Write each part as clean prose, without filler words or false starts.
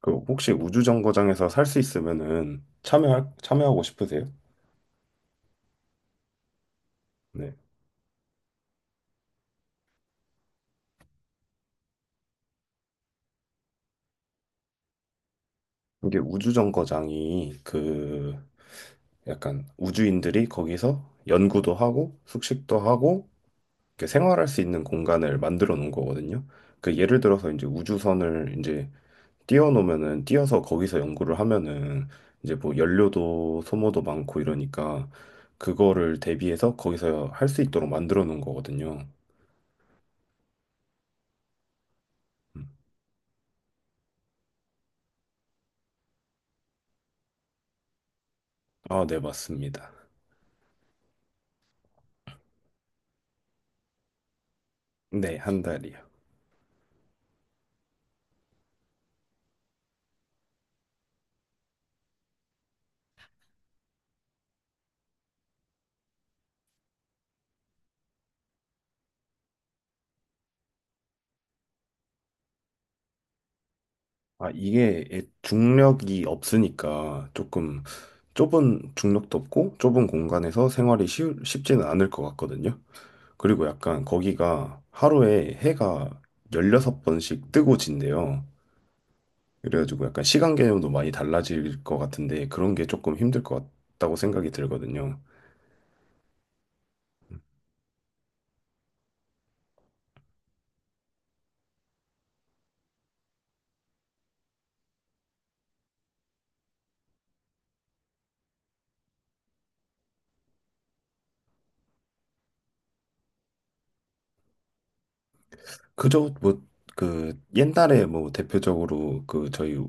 그 혹시 우주정거장에서 살 수 있으면은 참여할 참여하고 싶으세요? 네. 이게 우주정거장이 그 약간 우주인들이 거기서 연구도 하고 숙식도 하고 이렇게 생활할 수 있는 공간을 만들어 놓은 거거든요. 그 예를 들어서 이제 우주선을 이제 띄워놓으면은 띄어서 거기서 연구를 하면은 이제 뭐 연료도 소모도 많고 이러니까 그거를 대비해서 거기서 할 수 있도록 만들어 놓은 거거든요. 음. 아, 네, 맞습니다. 네, 한 달이요. 아, 이게 중력이 없으니까 조금 좁은 중력도 없고 좁은 공간에서 생활이 쉽지는 않을 것 같거든요. 그리고 약간 거기가 하루에 해가 16번씩 뜨고 진대요. 그래가지고 약간 시간 개념도 많이 달라질 것 같은데 그런 게 조금 힘들 것 같다고 생각이 들거든요. 그저 뭐 그 옛날에 뭐 대표적으로 그 저희 어,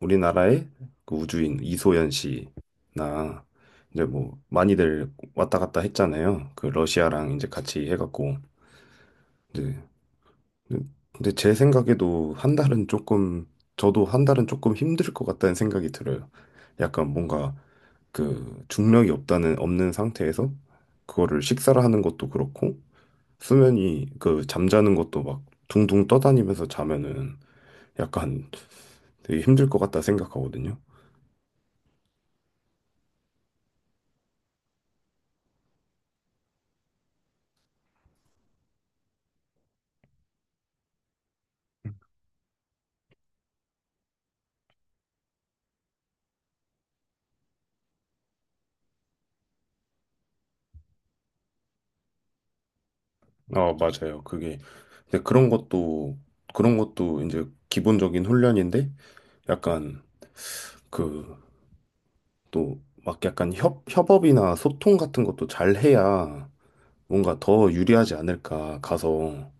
우리나라의 그 우주인 이소연 씨나 이제 뭐 많이들 왔다 갔다 했잖아요. 그 러시아랑 이제 같이 해갖고 이제 근데 제 생각에도 한 달은 조금 저도 한 달은 조금 힘들 것 같다는 생각이 들어요. 약간 뭔가 그 중력이 없다는 없는 상태에서 그거를 식사를 하는 것도 그렇고 수면이 그 잠자는 것도 막 둥둥 떠다니면서 자면은 약간 되게 힘들 것 같다 생각하거든요. 어, 맞아요. 그게 근데 그런 것도 이제 기본적인 훈련인데 약간 그 또 막 약간 협 협업이나 소통 같은 것도 잘 해야 뭔가 더 유리하지 않을까 가서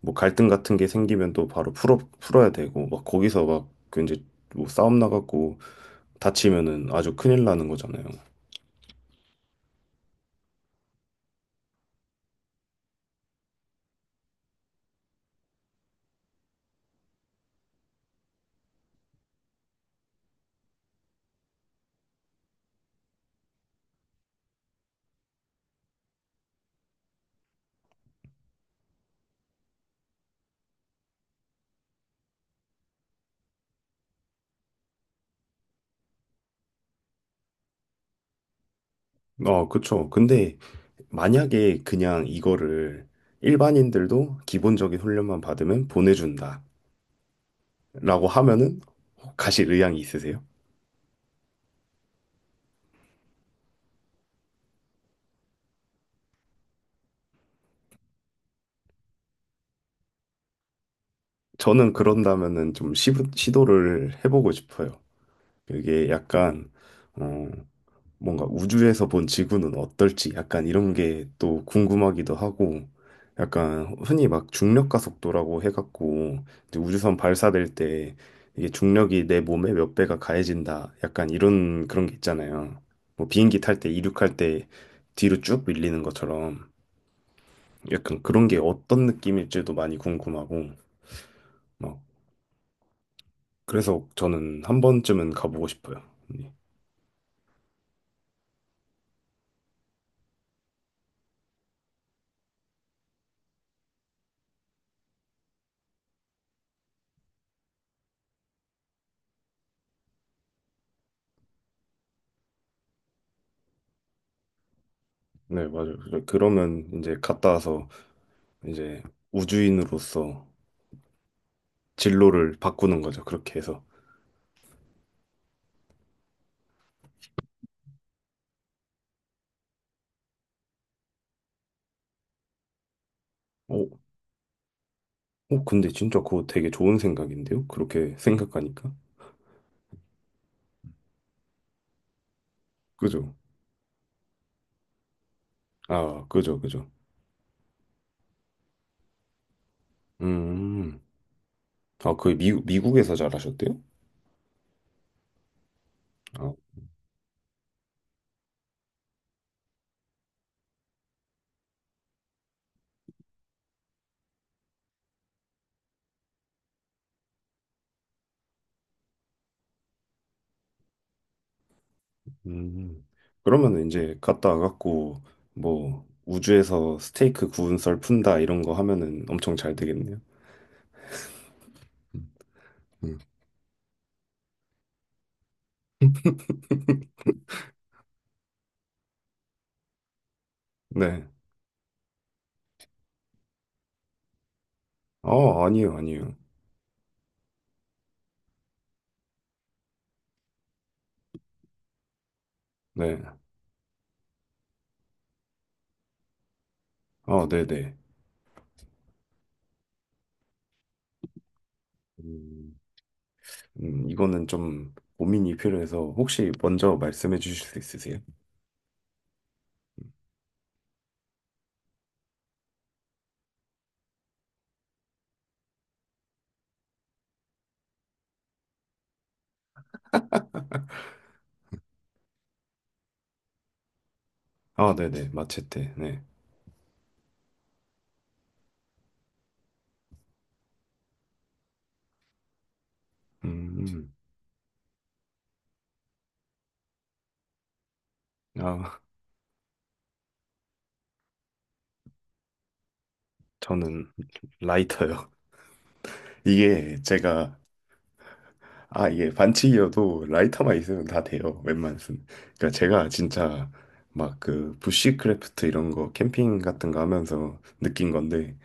뭐 갈등 같은 게 생기면 또 바로 풀어야 되고 막 거기서 막그 이제 뭐 싸움 나갖고 다치면은 아주 큰일 나는 거잖아요. 어, 그쵸. 근데 만약에 그냥 이거를 일반인들도 기본적인 훈련만 받으면 보내준다. 라고 하면은 가실 의향이 있으세요? 저는 그런다면은 좀 시도를 해보고 싶어요. 이게 약간 어, 뭔가 우주에서 본 지구는 어떨지 약간 이런 게 또 궁금하기도 하고 약간 흔히 막 중력 가속도라고 해갖고 이제 우주선 발사될 때 이게 중력이 내 몸에 몇 배가 가해진다 약간 이런 그런 게 있잖아요. 뭐 비행기 탈 때 이륙할 때 뒤로 쭉 밀리는 것처럼 약간 그런 게 어떤 느낌일지도 많이 궁금하고, 막, 그래서 저는 한 번쯤은 가보고 싶어요. 네, 네, 맞아요. 그러면 이제 갔다 와서 이제 우주인으로서 진로를 바꾸는 거죠. 그렇게 해서. 어, 어, 근데 진짜 그거 되게 좋은 생각인데요? 그렇게 생각하니까. 그죠? 아, 그죠, 그죠. 음, 아, 그 미국에서 잘하셨대요? 아, 음. 그러면 이제 갔다 와갖고 뭐 우주에서 스테이크 구운 썰 푼다 이런 거 하면은 엄청 잘 되겠네요. 음. 네. 어, 아니요, 아니요. 네. 어, 네네. 음, 이거는 좀 고민이 필요해서 혹시 먼저 말씀해 주실 수 있으세요? 아, 네네. 마체테. 네. 음, 음. 아, 저는 라이터요. 이게 제가 이게 반칙이어도 라이터만 있으면 다 돼요. 웬만해서는. 그러니까 제가 진짜 막 그 부시크래프트 이런 거 캠핑 같은 거 하면서 느낀 건데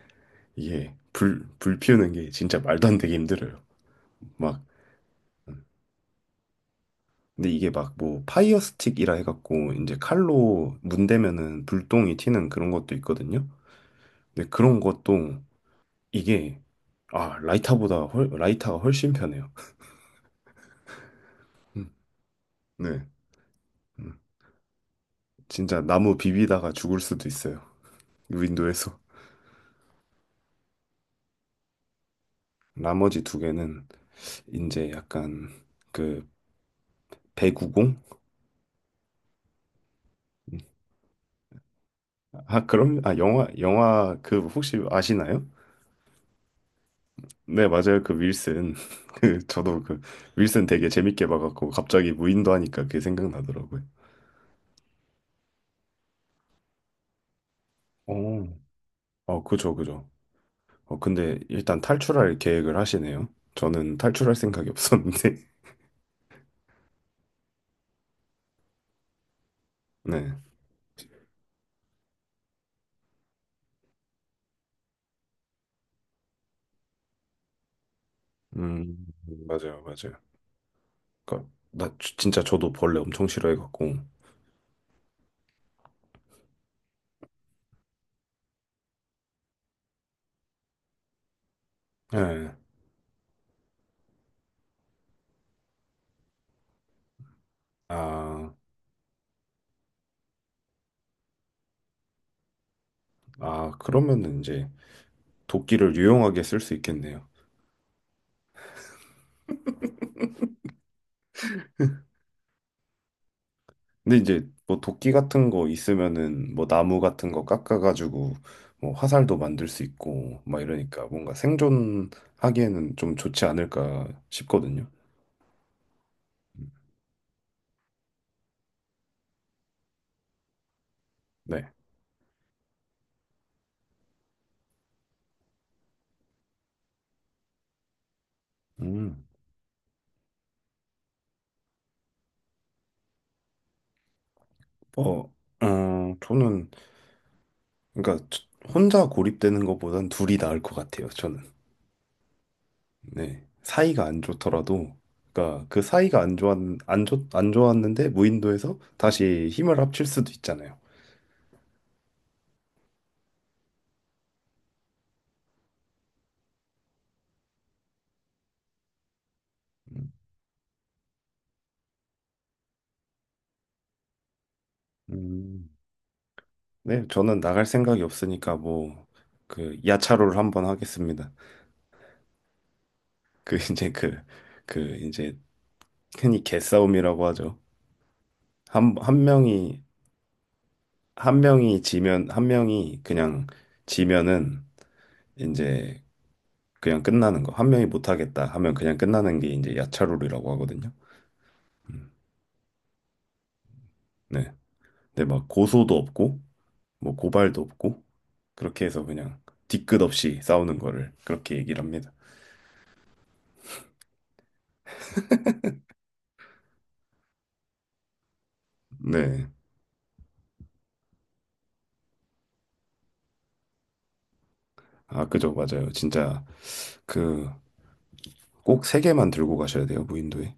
이게 불 피우는 게 진짜 말도 안 되게 힘들어요. 막 근데 이게 막 뭐 파이어 스틱이라 해갖고 이제 칼로 문대면은 불똥이 튀는 그런 것도 있거든요. 근데 그런 것도 이게 아, 라이터가 훨씬 편해요. 음. 네. 음. 진짜 나무 비비다가 죽을 수도 있어요. 윈도에서. 나머지 두 개는 이제 약간 그 배구공? 아, 그럼 아 영화 그 혹시 아시나요? 네, 맞아요. 그 윌슨. 그 저도 그 윌슨 되게 재밌게 봐갖고 갑자기 무인도 하니까 그게 생각나더라고요. 어, 어, 그죠, 그죠. 어, 근데 일단 탈출할 계획을 하시네요. 저는 탈출할 생각이 없었는데. 네. 음, 맞아요, 맞아요. 그니까, 진짜 저도 벌레 엄청 싫어해갖고. 네. 아, 아, 그러면은 이제 도끼를 유용하게 쓸 수 있겠네요. 근데 이제 뭐 도끼 같은 거 있으면은 뭐 나무 같은 거 깎아가지고 뭐 화살도 만들 수 있고 막 이러니까 뭔가 생존하기에는 좀 좋지 않을까 싶거든요. 네. 음. 어, 어, 저는 그러니까 혼자 고립되는 것보단 둘이 나을 것 같아요. 저는. 네. 사이가 안 좋더라도 그러니까 그 사이가 안 좋았는데 무인도에서 다시 힘을 합칠 수도 있잖아요. 음, 네, 저는 나갈 생각이 없으니까 뭐 그 야차로를 한번 하겠습니다. 그 이제 그 이제 흔히 개싸움이라고 하죠. 한 명이 한 명이 지면 한 명이 그냥 지면은 이제 그냥 끝나는 거. 한 명이 못 하겠다 하면 그냥 끝나는 게 이제 야차로라고 하거든요. 음, 네. 근데 막 고소도 없고 뭐 고발도 없고 그렇게 해서 그냥 뒤끝 없이 싸우는 거를 그렇게 얘기를 합니다. 네. 아, 그죠, 맞아요. 진짜 그 꼭 세 개만 들고 가셔야 돼요, 무인도에.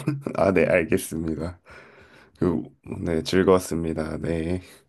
아, 네, 알겠습니다. 그, 네, 즐거웠습니다. 네.